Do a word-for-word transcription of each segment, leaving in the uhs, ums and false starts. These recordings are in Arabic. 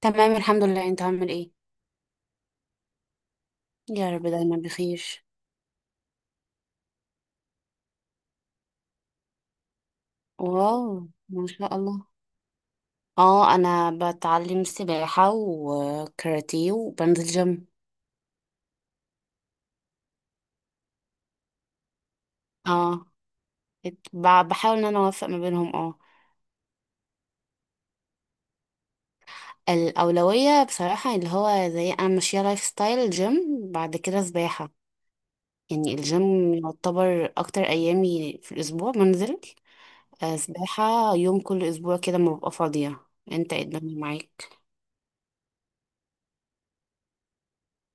تمام، الحمد لله، انت عامل ايه؟ يا رب، دايما بخير. واو، ما شاء الله. اه، انا بتعلم سباحة وكاراتيه وبنزل جيم. اه، ات- ب- بحاول ان انا اوفق ما بينهم، اه. الاولوية بصراحة اللي هو، زي انا ماشية لايف ستايل جيم، بعد كده سباحة. يعني الجيم يعتبر اكتر ايامي في الاسبوع بنزل. آه، سباحة يوم كل اسبوع كده، ما ببقى فاضية. انت ايه الدنيا معاك؟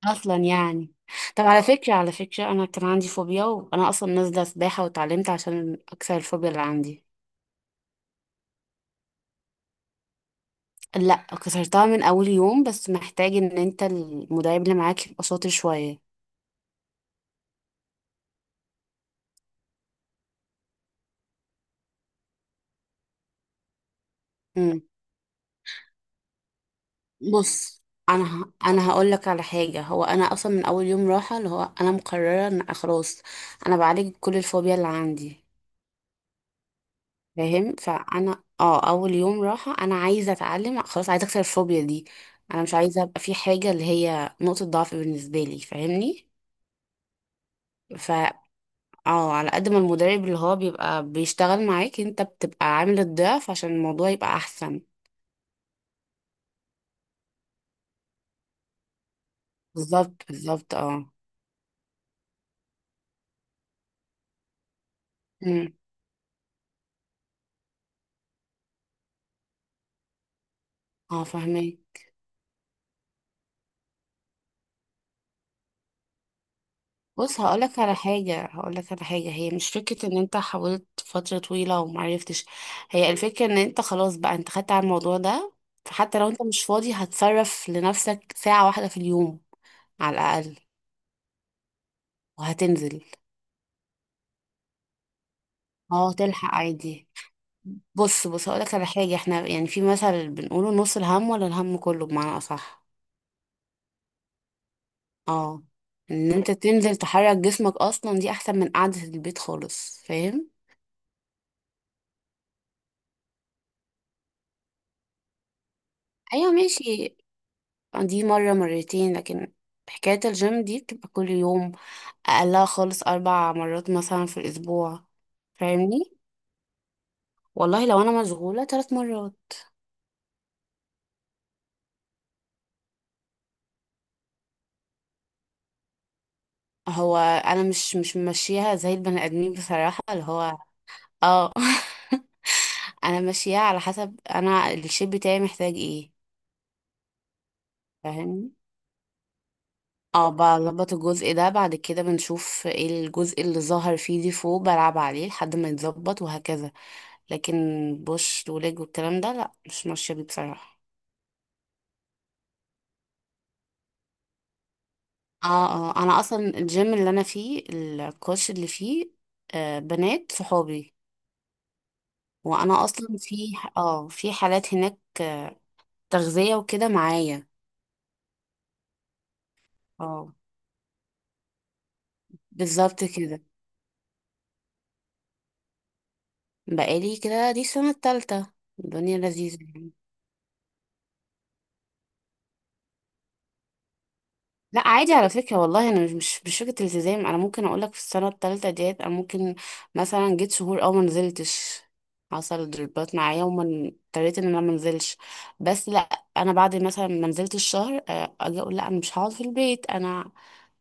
اصلا يعني. طب، على فكره على فكره، انا كان عندي فوبيا وانا اصلا نازله سباحه واتعلمت عشان اكسر الفوبيا اللي عندي. لا، كسرتها من اول يوم، بس محتاج ان انت المدرب اللي معاك يبقى شاطر شويه. امم. بص، انا ه... انا هقول لك على حاجه، هو انا اصلا من اول يوم راحه اللي هو انا مقرره ان خلاص، انا بعالج كل الفوبيا اللي عندي. فاهم، فانا اه اول يوم راحه انا عايزه اتعلم، خلاص عايزه اكسر الفوبيا دي. انا مش عايزه ابقى في حاجه اللي هي نقطه ضعف بالنسبه لي، فاهمني؟ ف، اه على قد ما المدرب اللي هو بيبقى بيشتغل معاك، انت بتبقى عامل الضعف عشان الموضوع يبقى احسن. بالظبط، بالظبط، اه. امم. اه، فاهمه. بص، هقولك على حاجة هقولك على حاجة، هي مش فكرة ان انت حاولت فترة طويلة ومعرفتش. هي الفكرة ان انت خلاص بقى، انت خدت على الموضوع ده. فحتى لو انت مش فاضي، هتصرف لنفسك ساعة واحدة في اليوم، على الأقل. وهتنزل، اه تلحق عادي. بص، بص، هقولك على حاجة، احنا يعني في مثل بنقوله نص الهم ولا الهم كله، بمعنى أصح. اه، ان انت تنزل تحرك جسمك اصلا، دي احسن من قعدة البيت خالص، فاهم؟ ايوه، ماشي. دي مرة مرتين، لكن حكاية الجيم دي بتبقى كل يوم، أقلها خالص أربع مرات مثلا في الأسبوع، فاهمني؟ والله لو أنا مشغولة، تلات مرات. هو أنا مش مش ماشيها زي البني آدمين بصراحة، اللي هو اه، أنا ماشيها على حسب أنا الشيب بتاعي محتاج ايه، فاهمني؟ اه، بظبط الجزء ده، بعد كده بنشوف ايه الجزء اللي ظهر فيه ديفو، بلعب عليه لحد ما يتظبط، وهكذا. لكن بوش وليج والكلام ده لا، مش ماشية بيه بصراحة. اه، اه، انا اصلا الجيم اللي انا فيه، الكوتش اللي فيه آه بنات صحابي. وانا اصلا في اه في حالات هناك، آه تغذية وكده معايا. اه، بالظبط كده. بقالي كده دي السنة التالتة، الدنيا لذيذة. لا، عادي على فكرة، والله انا مش مش مش فكرة التزام، انا ممكن اقول لك في السنة التالتة ديت، انا ممكن مثلا جيت شهور او ما نزلتش. حصل ضربات معايا وما ن- اضطريت ان انا ما انزلش. بس لا، انا بعد مثلا ما نزلتش شهر، آه، اجي اقول لا، انا مش هقعد في البيت، انا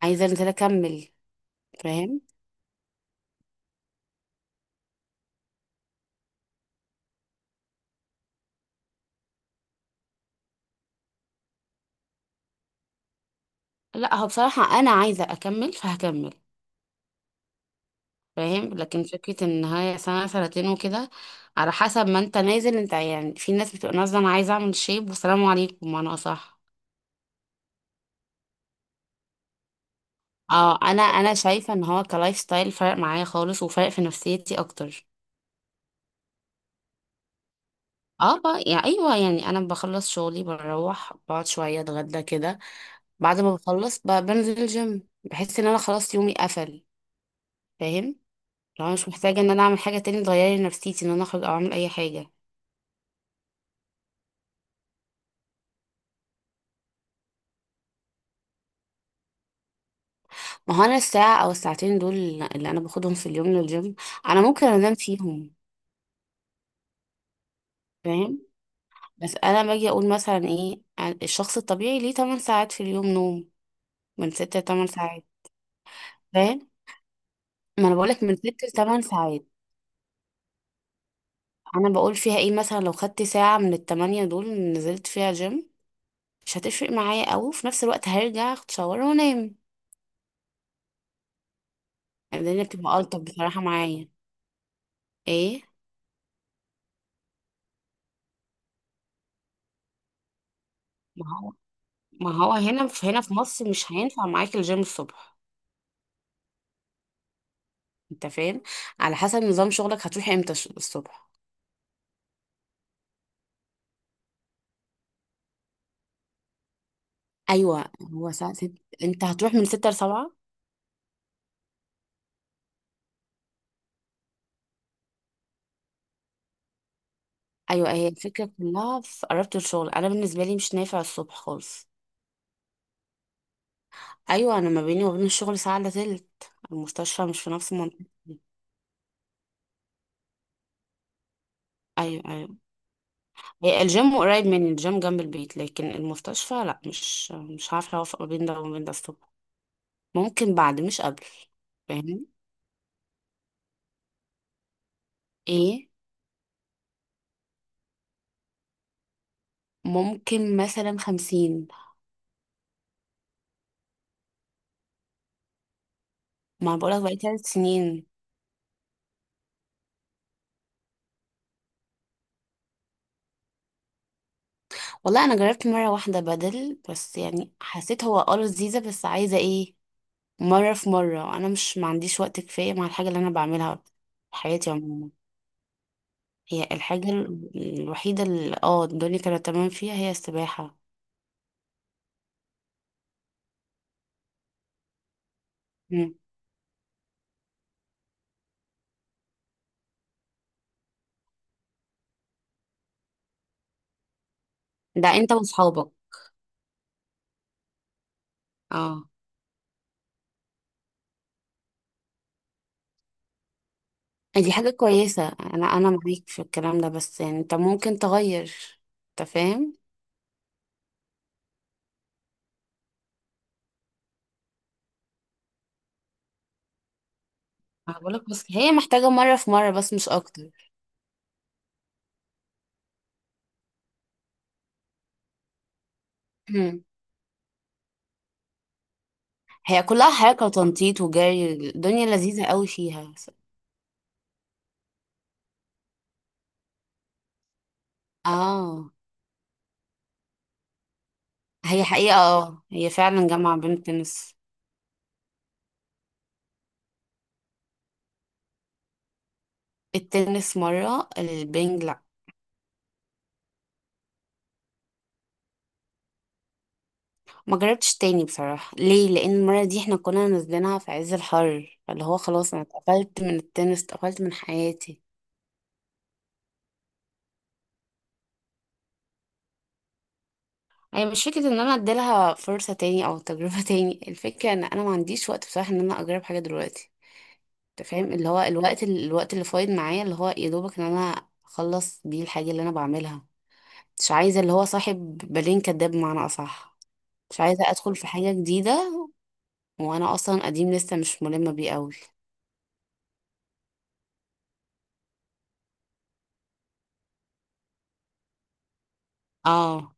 عايزة انزل اكمل. فاهم؟ لا، هو بصراحة انا عايزة اكمل، فهكمل. فاهم، لكن فكرة ان هي سنة سنتين وكده، على حسب ما انت نازل، انت يعني في ناس بتبقى نازلة انا عايزة اعمل شيب والسلام عليكم، انا صح. اه، انا انا شايفه ان هو كلايف ستايل فرق معايا خالص، وفرق في نفسيتي اكتر. اه، بقى يعني، ايوه يعني، انا بخلص شغلي، بروح بقعد شويه اتغدى كده. بعد ما بخلص ب- بنزل الجيم، بحس ان انا خلاص يومي قفل، فاهم؟ لو انا مش محتاجه ان انا اعمل حاجه تاني تغير لي نفسيتي، ان انا اخرج او اعمل اي حاجه. ما هو انا الساعه او الساعتين دول، اللي انا باخدهم في اليوم للجيم، انا ممكن انام فيهم، فاهم؟ بس انا باجي اقول مثلا، ايه، الشخص الطبيعي ليه تمن ساعات في اليوم نوم، من ست ل تمن ساعات. ما انا بقولك من ست لتمن ساعات. انا بقول فيها ايه، مثلا لو خدت ساعة من التمانية دول نزلت فيها جيم، مش هتفرق معايا اوي، وفي نفس الوقت هرجع اخد شاور وانام. الدنيا بتبقى الطف بصراحة معايا. ايه، ما هو ما هو هنا في هنا في مصر مش هينفع معاك الجيم الصبح. انت فاهم؟ على حسب نظام شغلك، هتروح امتى الش- الصبح؟ ايوه، هو ساعة ست. انت هتروح من ستة لسبعة. ايوه، هي الفكرة كلها في قربت الشغل، انا بالنسبة لي مش نافع الصبح خالص. ايوه، انا ما بيني وبين الشغل ساعه الا تلت، المستشفى مش في نفس المنطقه. ايوه، ايوه، هي الجيم قريب مني، الجيم جنب البيت، لكن المستشفى لا، مش مش عارفه اوفق ما بين ده وما بين ده الصبح. ممكن بعد، مش قبل. فاهمني؟ ايه؟ ممكن مثلا خمسين. ما بقولك بقالي ثلاث سنين. والله انا جربت مره واحده بدل، بس يعني حسيت هو اه لذيذه، بس عايزه ايه، مره في مره، انا مش ما عنديش وقت كفايه مع الحاجه اللي انا بعملها في حياتي عموما. هي الحاجة ال- الوحيدة، اللي اه الدنيا كانت تمام فيها هي السباحة. مم. ده انت واصحابك؟ اه، دي حاجة كويسة، انا انا معاك في الكلام ده، بس يعني انت ممكن تغير، انت فاهم؟ انا بقولك، بس هي محتاجة مرة في مرة، بس مش اكتر. مم. هي كلها حركة وتنطيط وجري، الدنيا لذيذة قوي فيها. اه، هي حقيقة اه هي فعلا جامعة بين التنس. التنس مرة، البنج لأ. ما جربتش تاني بصراحة، ليه؟ لأن المرة دي احنا كنا نازلينها في عز الحر، اللي هو خلاص أنا اتقفلت من التنس، اتقفلت من حياتي. أنا مش فكرة إن أنا أديلها فرصة تاني أو تجربة تاني، الفكرة إن أنا ما عنديش وقت بصراحة، إن أنا أجرب حاجة دلوقتي. أنت فاهم، اللي هو الوقت الوقت اللي فايض معايا، اللي هو يا دوبك إن أنا أخلص بيه الحاجة اللي أنا بعملها. مش عايزة اللي هو صاحب بالين كداب، بمعنى أصح. مش عايزة أدخل في حاجة جديدة، وأنا أصلا قديم لسه مش ملمة بيه أوي. اه،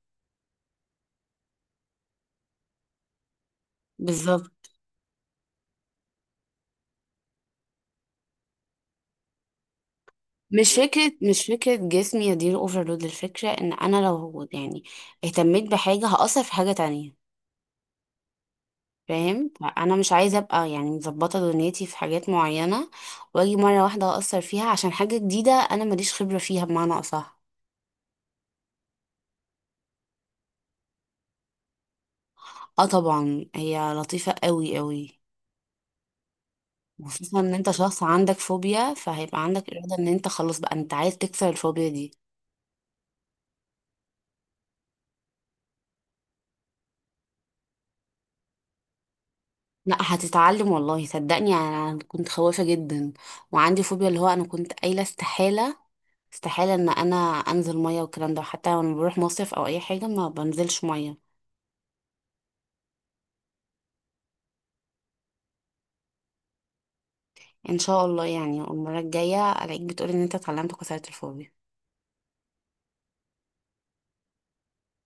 بالظبط. مش فكرة مش فكرة جسمي يدير اوفرلود، الفكرة ان انا لو يعني اهتميت بحاجة، هأثر في حاجة تانية. فاهم؟ انا مش عايزة ابقى يعني مظبطة دنيتي في حاجات معينة، واجي مرة واحدة أأثر فيها عشان حاجة جديدة انا ماليش خبرة فيها، بمعنى اصح. اه طبعا، هي لطيفة قوي قوي. وخصوصا ان انت شخص عندك فوبيا، فهيبقى عندك إرادة ان انت خلاص بقى انت عايز تكسر الفوبيا دي. لا، هتتعلم، والله صدقني، انا كنت خوافة جدا، وعندي فوبيا، اللي هو انا كنت قايله استحاله استحالة ان انا انزل مية والكلام ده، حتى وانا بروح مصيف او اي حاجة ما بنزلش مية. ان شاء الله، يعني المرة الجاية الاقيك بتقولي ان انت اتعلمت كسرة الفوبيا.